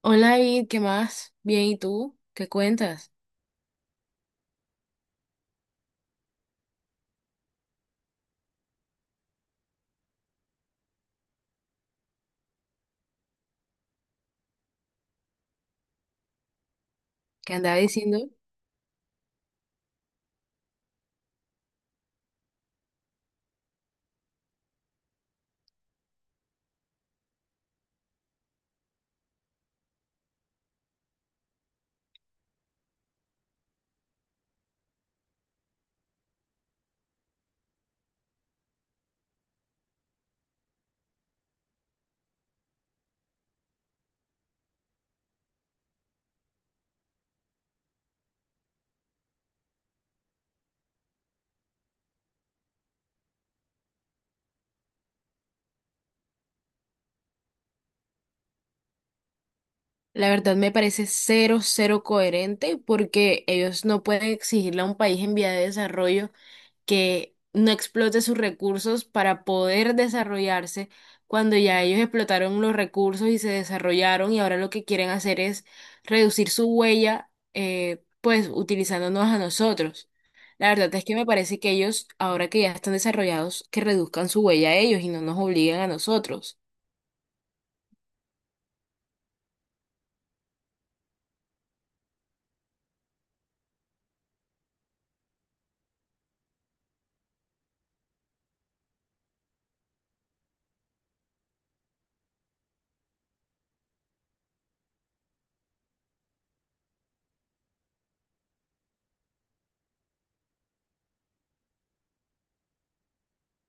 Hola, David, ¿qué más? Bien, ¿y tú? ¿Qué cuentas? ¿Qué andaba diciendo? La verdad me parece cero, cero coherente porque ellos no pueden exigirle a un país en vía de desarrollo que no explote sus recursos para poder desarrollarse cuando ya ellos explotaron los recursos y se desarrollaron y ahora lo que quieren hacer es reducir su huella, pues utilizándonos a nosotros. La verdad es que me parece que ellos, ahora que ya están desarrollados, que reduzcan su huella a ellos y no nos obliguen a nosotros.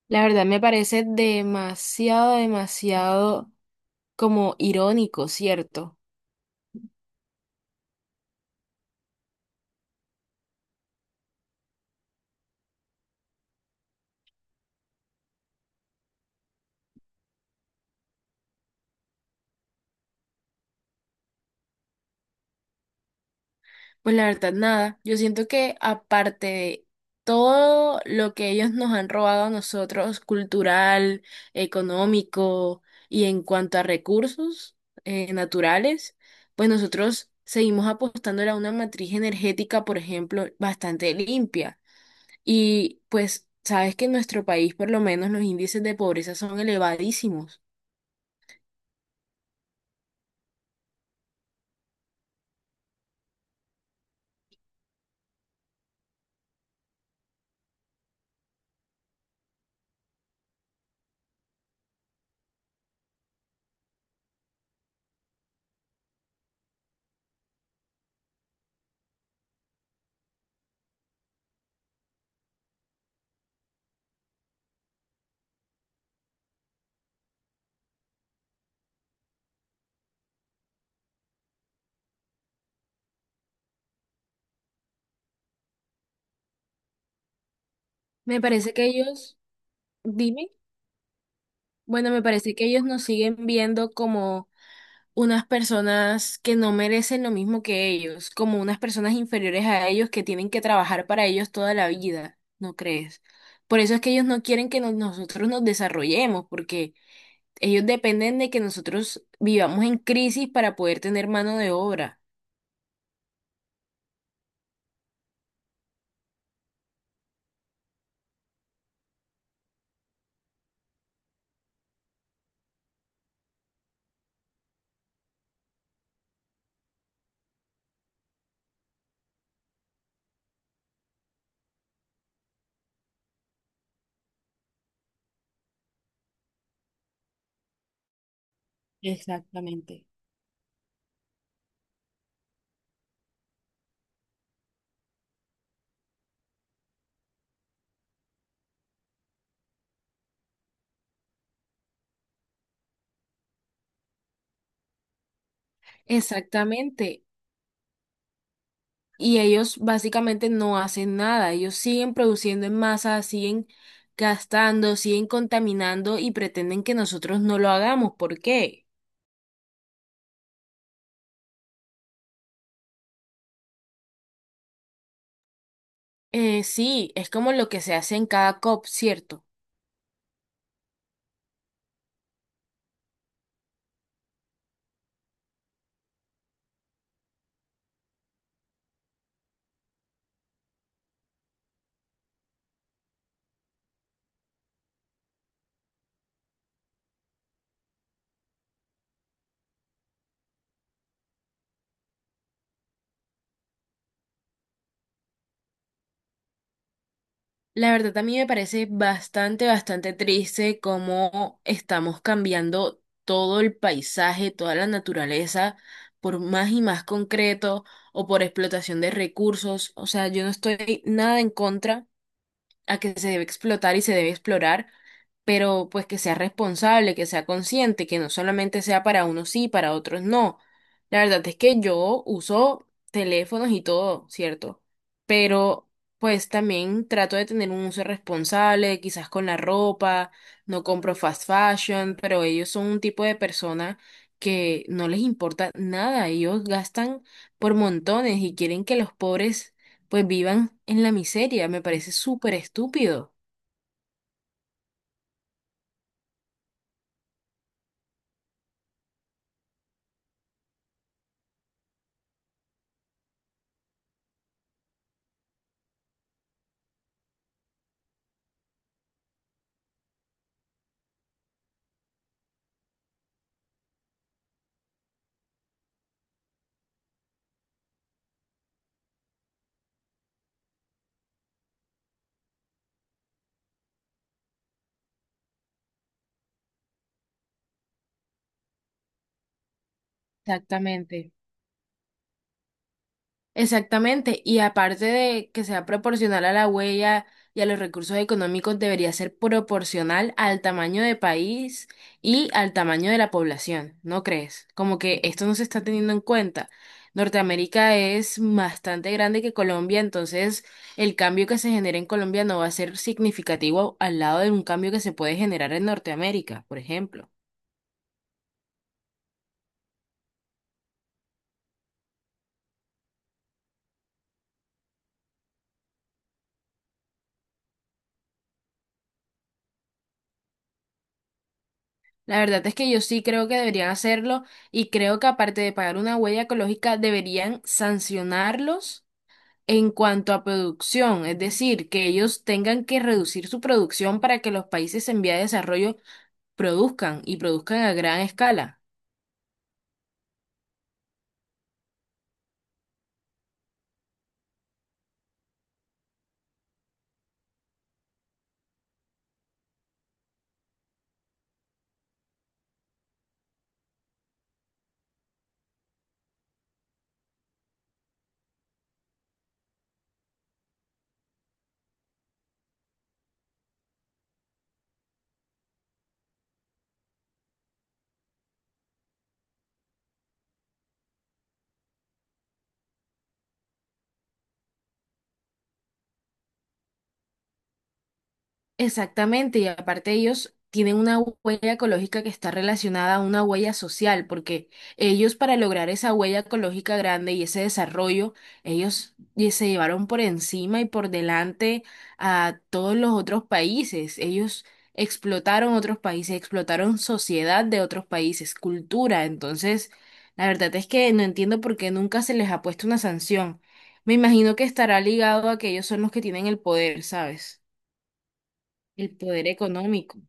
La verdad me parece demasiado, demasiado como irónico, ¿cierto? Pues la verdad, nada. Yo siento que aparte de todo lo que ellos nos han robado a nosotros, cultural, económico y en cuanto a recursos naturales, pues nosotros seguimos apostando a una matriz energética, por ejemplo, bastante limpia. Y pues sabes que en nuestro país, por lo menos, los índices de pobreza son elevadísimos. Me parece que ellos, dime, bueno, me parece que ellos nos siguen viendo como unas personas que no merecen lo mismo que ellos, como unas personas inferiores a ellos que tienen que trabajar para ellos toda la vida, ¿no crees? Por eso es que ellos no quieren que nosotros nos desarrollemos, porque ellos dependen de que nosotros vivamos en crisis para poder tener mano de obra. Exactamente. Exactamente. Y ellos básicamente no hacen nada, ellos siguen produciendo en masa, siguen gastando, siguen contaminando y pretenden que nosotros no lo hagamos. ¿Por qué? Sí, es como lo que se hace en cada COP, ¿cierto? La verdad a mí me parece bastante, bastante triste cómo estamos cambiando todo el paisaje, toda la naturaleza, por más y más concreto o por explotación de recursos. O sea, yo no estoy nada en contra a que se debe explotar y se debe explorar, pero pues que sea responsable, que sea consciente, que no solamente sea para unos sí, para otros no. La verdad es que yo uso teléfonos y todo, ¿cierto? Pero pues también trato de tener un uso responsable, quizás con la ropa, no compro fast fashion, pero ellos son un tipo de persona que no les importa nada, ellos gastan por montones y quieren que los pobres pues vivan en la miseria. Me parece súper estúpido. Exactamente. Exactamente, y aparte de que sea proporcional a la huella y a los recursos económicos, debería ser proporcional al tamaño de país y al tamaño de la población, ¿no crees? Como que esto no se está teniendo en cuenta. Norteamérica es bastante grande que Colombia, entonces el cambio que se genera en Colombia no va a ser significativo al lado de un cambio que se puede generar en Norteamérica, por ejemplo. La verdad es que yo sí creo que deberían hacerlo y creo que aparte de pagar una huella ecológica, deberían sancionarlos en cuanto a producción, es decir, que ellos tengan que reducir su producción para que los países en vía de desarrollo produzcan y produzcan a gran escala. Exactamente, y aparte ellos tienen una huella ecológica que está relacionada a una huella social, porque ellos para lograr esa huella ecológica grande y ese desarrollo, ellos y se llevaron por encima y por delante a todos los otros países. Ellos explotaron otros países, explotaron sociedad de otros países, cultura. Entonces, la verdad es que no entiendo por qué nunca se les ha puesto una sanción. Me imagino que estará ligado a que ellos son los que tienen el poder, ¿sabes? El poder económico.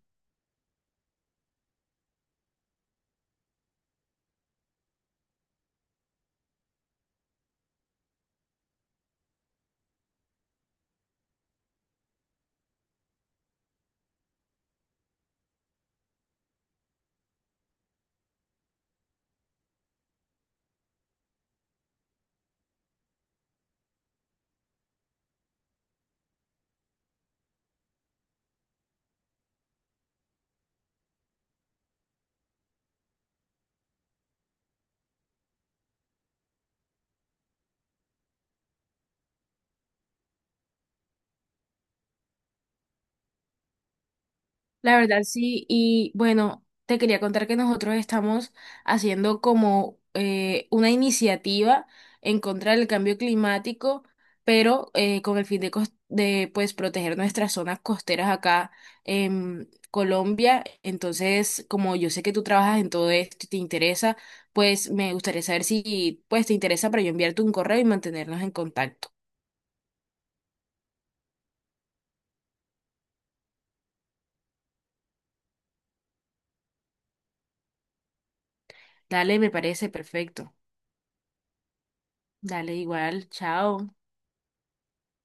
La verdad, sí. Y bueno, te quería contar que nosotros estamos haciendo como una iniciativa en contra del cambio climático, pero con el fin de, de pues proteger nuestras zonas costeras acá en Colombia. Entonces, como yo sé que tú trabajas en todo esto y te interesa, pues me gustaría saber si pues te interesa para yo enviarte un correo y mantenernos en contacto. Dale, me parece perfecto. Dale igual, chao.